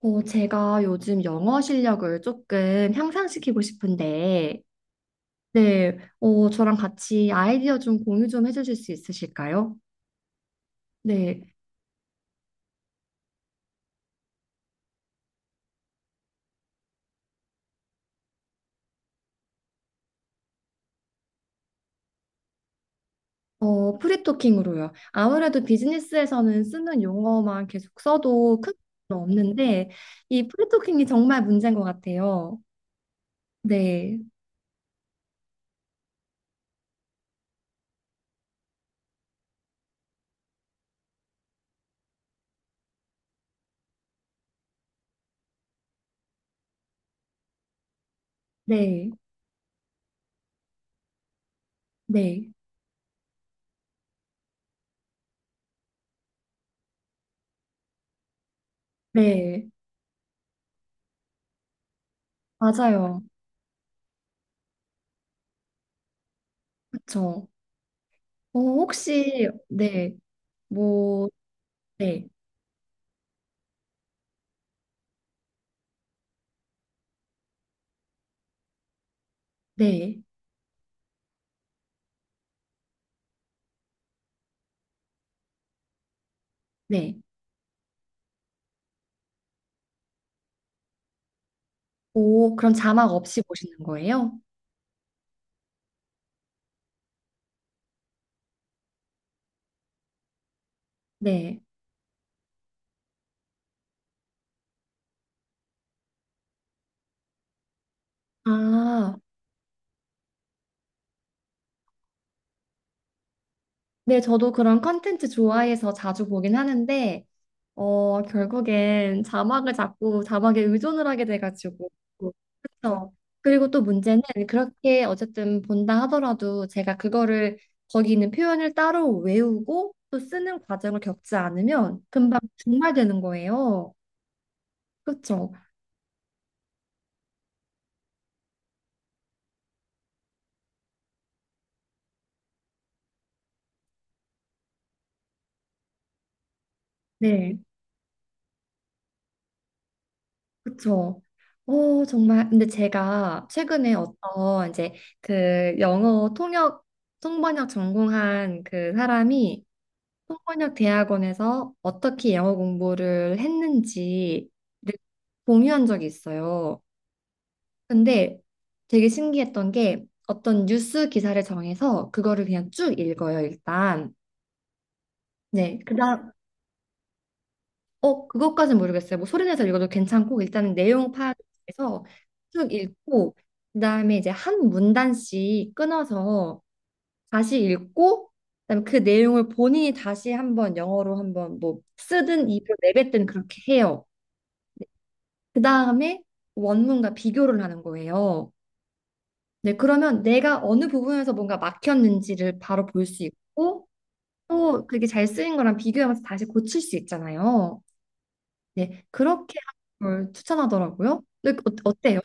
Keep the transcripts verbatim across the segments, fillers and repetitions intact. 어, 제가 요즘 영어 실력을 조금 향상시키고 싶은데, 네, 어, 저랑 같이 아이디어 좀 공유 좀 해주실 수 있으실까요? 네, 어, 프리토킹으로요. 아무래도 비즈니스에서는 쓰는 용어만 계속 써도 큰 문제는 없는데, 이 프리토킹이 정말 문제인 것 같아요. 네, 네, 네, 네, 맞아요. 그쵸. 어, 혹시, 네, 뭐, 네, 네, 네. 오, 그럼 자막 없이 보시는 거예요? 네. 아, 네, 저도 그런 컨텐츠 좋아해서 자주 보긴 하는데, 어, 결국엔 자막을 자꾸 자막에 의존을 하게 돼가지고. 그렇죠. 그리고 또 문제는 그렇게 어쨌든 본다 하더라도 제가 그거를 거기 있는 표현을 따로 외우고 또 쓰는 과정을 겪지 않으면 금방 중말되는 거예요. 그렇죠. 네. 그쵸. 어, 정말. 근데 제가 최근에 어떤 이제 그 영어 통역, 통번역 전공한 그 사람이 통번역 대학원에서 어떻게 영어 공부를 했는지 를 공유한 적이 있어요. 근데 되게 신기했던 게 어떤 뉴스 기사를 정해서 그거를 그냥 쭉 읽어요, 일단. 네. 그다 어, 그것까진 모르겠어요. 뭐 소리내서 읽어도 괜찮고 일단은 내용 파악해서 쭉 읽고 그다음에 이제 한 문단씩 끊어서 다시 읽고 그다음에 그 내용을 본인이 다시 한번 영어로 한번 뭐 쓰든 입으로 내뱉든 그렇게 해요. 그다음에 원문과 비교를 하는 거예요. 네, 그러면 내가 어느 부분에서 뭔가 막혔는지를 바로 볼 수 있고 또 그게 잘 쓰인 거랑 비교하면서 다시 고칠 수 있잖아요. 네, 그렇게 하는 걸 추천하더라고요. 근데 어, 어때요?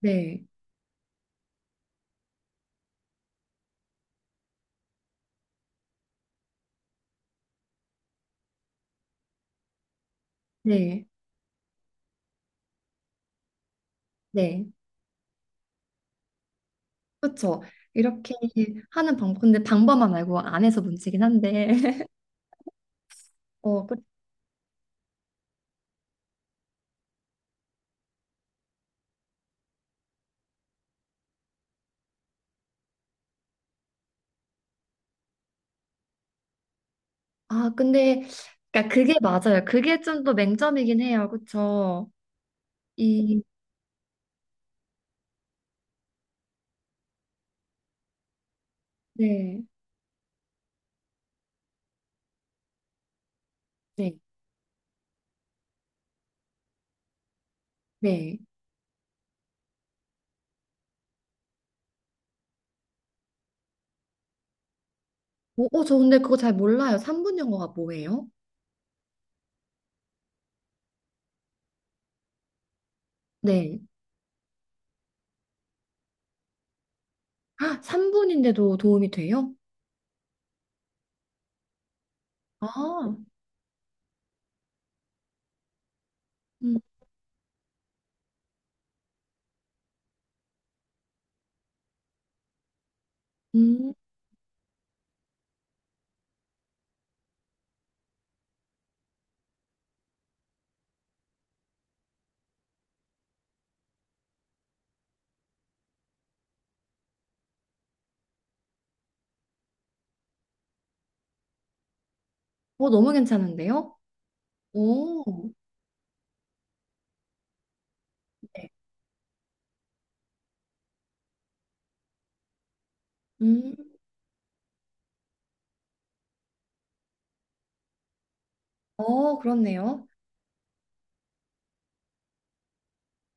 네, 네, 네. 그렇죠. 이렇게 하는 방법. 근데 방법만 알고 안 해서 문제긴 한데. 어, 그, 아, 근데 그러니까 그게 맞아요. 그게 좀 더 맹점이긴 해요. 그렇죠. 이 네. 네. 네. 오, 어, 저 근데 그거 잘 몰라요. 삼 분 영어가 뭐예요? 네. 아, 삼 분인데도 도움이 돼요? 아. 음. 음. 어, 너무 괜찮은데요? 오. 네. 음. 어, 그렇네요.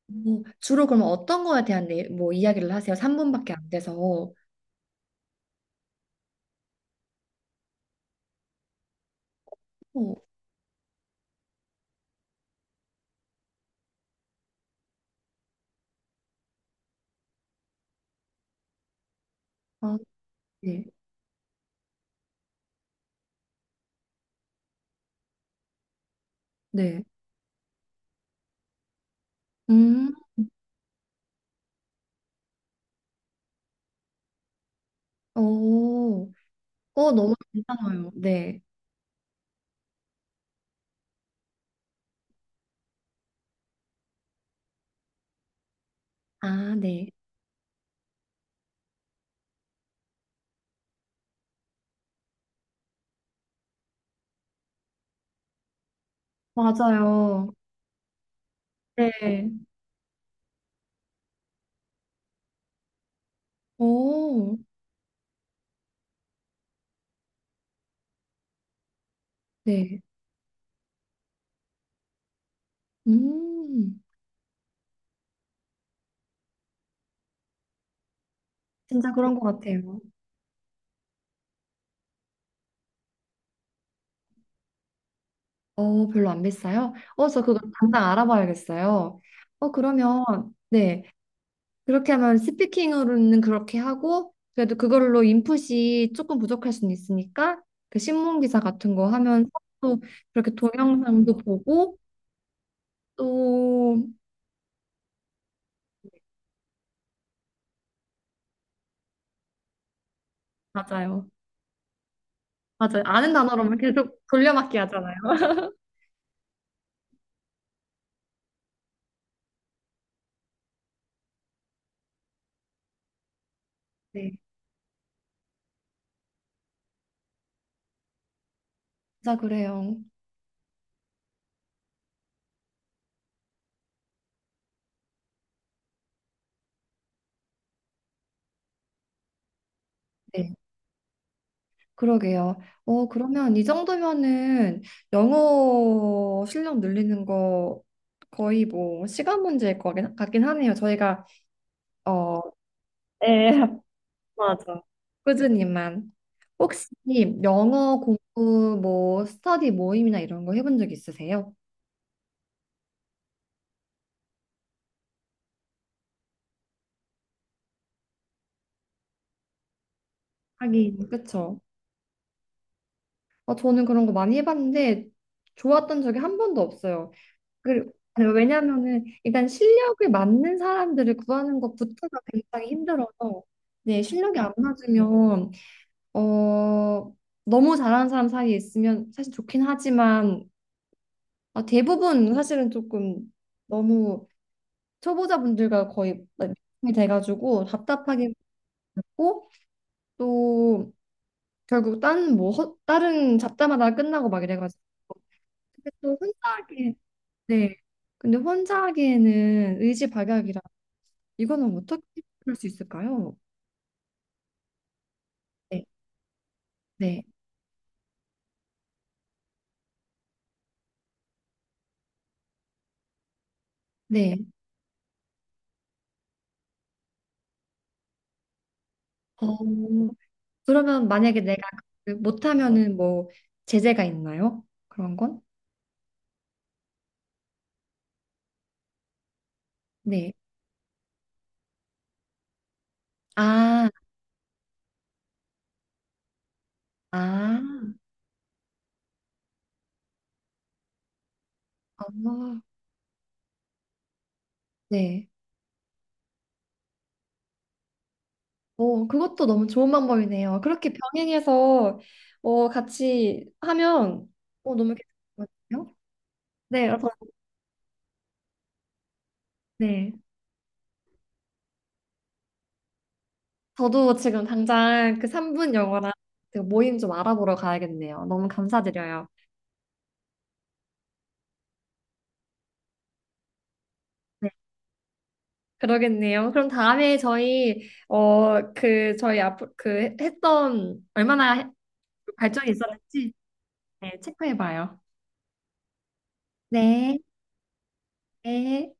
뭐, 주로 그러면 어떤 거에 대한 내, 뭐 이야기를 하세요? 삼 분밖에 안 돼서. 어, 아, 네. 네. 음, 어, 어, 너무 괜찮아요. 네. 아, 네. 맞아요. 네. 오, 네. 음, 진짜 그런 것 같아요. 어, 별로 안 비싸요? 어, 저 그거 당장 알아봐야겠어요. 어, 그러면, 네. 그렇게 하면 스피킹으로는 그렇게 하고 그래도 그걸로 인풋이 조금 부족할 수는 있으니까 그 신문 기사 같은 거 하면서 또 그렇게 동영상도 보고 또 맞아요. 맞아요. 아는 단어로만 계속 돌려막기 하잖아요. 네. 진짜 그래요. 네. 그러게요. 어, 그러면 이 정도면은 영어 실력 늘리는 거 거의 뭐 시간 문제일 거 같긴 하네요. 저희가 어, 네, 맞아. 꾸준히만. 혹시 영어 공부 뭐 스터디 모임이나 이런 거 해본 적 있으세요? 하긴 그쵸. 어, 저는 그런 거 많이 해봤는데 좋았던 적이 한 번도 없어요. 그, 왜냐면은 일단 실력에 맞는 사람들을 구하는 것부터가 굉장히 힘들어서 네, 실력이 안 맞으면 어 너무 잘하는 사람 사이에 있으면 사실 좋긴 하지만 아, 대부분 사실은 조금 너무 초보자분들과 거의 이 돼가지고 답답하기만 고 또 결국 딴 뭐 다른 잡자마다 끝나고 막 이래가지고 근데 또 혼자 하기 네 근데 혼자 하기에는 의지박약이라 이거는 어떻게 풀 수 있을까요? 네 네 네. 어, 그러면 만약에 내가 그 못하면은 뭐 제재가 있나요? 그런 건? 네. 아, 아, 어, 네. 어, 그것도 너무 좋은 방법이네요. 그렇게 병행해서 어, 같이 하면 어, 너무 괜찮을 것 같아요. 네, 저, 네. 저도 지금 당장 그 삼 분 영어랑 그 모임 좀 알아보러 가야겠네요. 너무 감사드려요. 네, 그러겠네요. 그럼 다음에 저희 어, 그 저희 앞으로 그 했던 얼마나 발전이 있었는지 네, 체크해 봐요. 네. 네.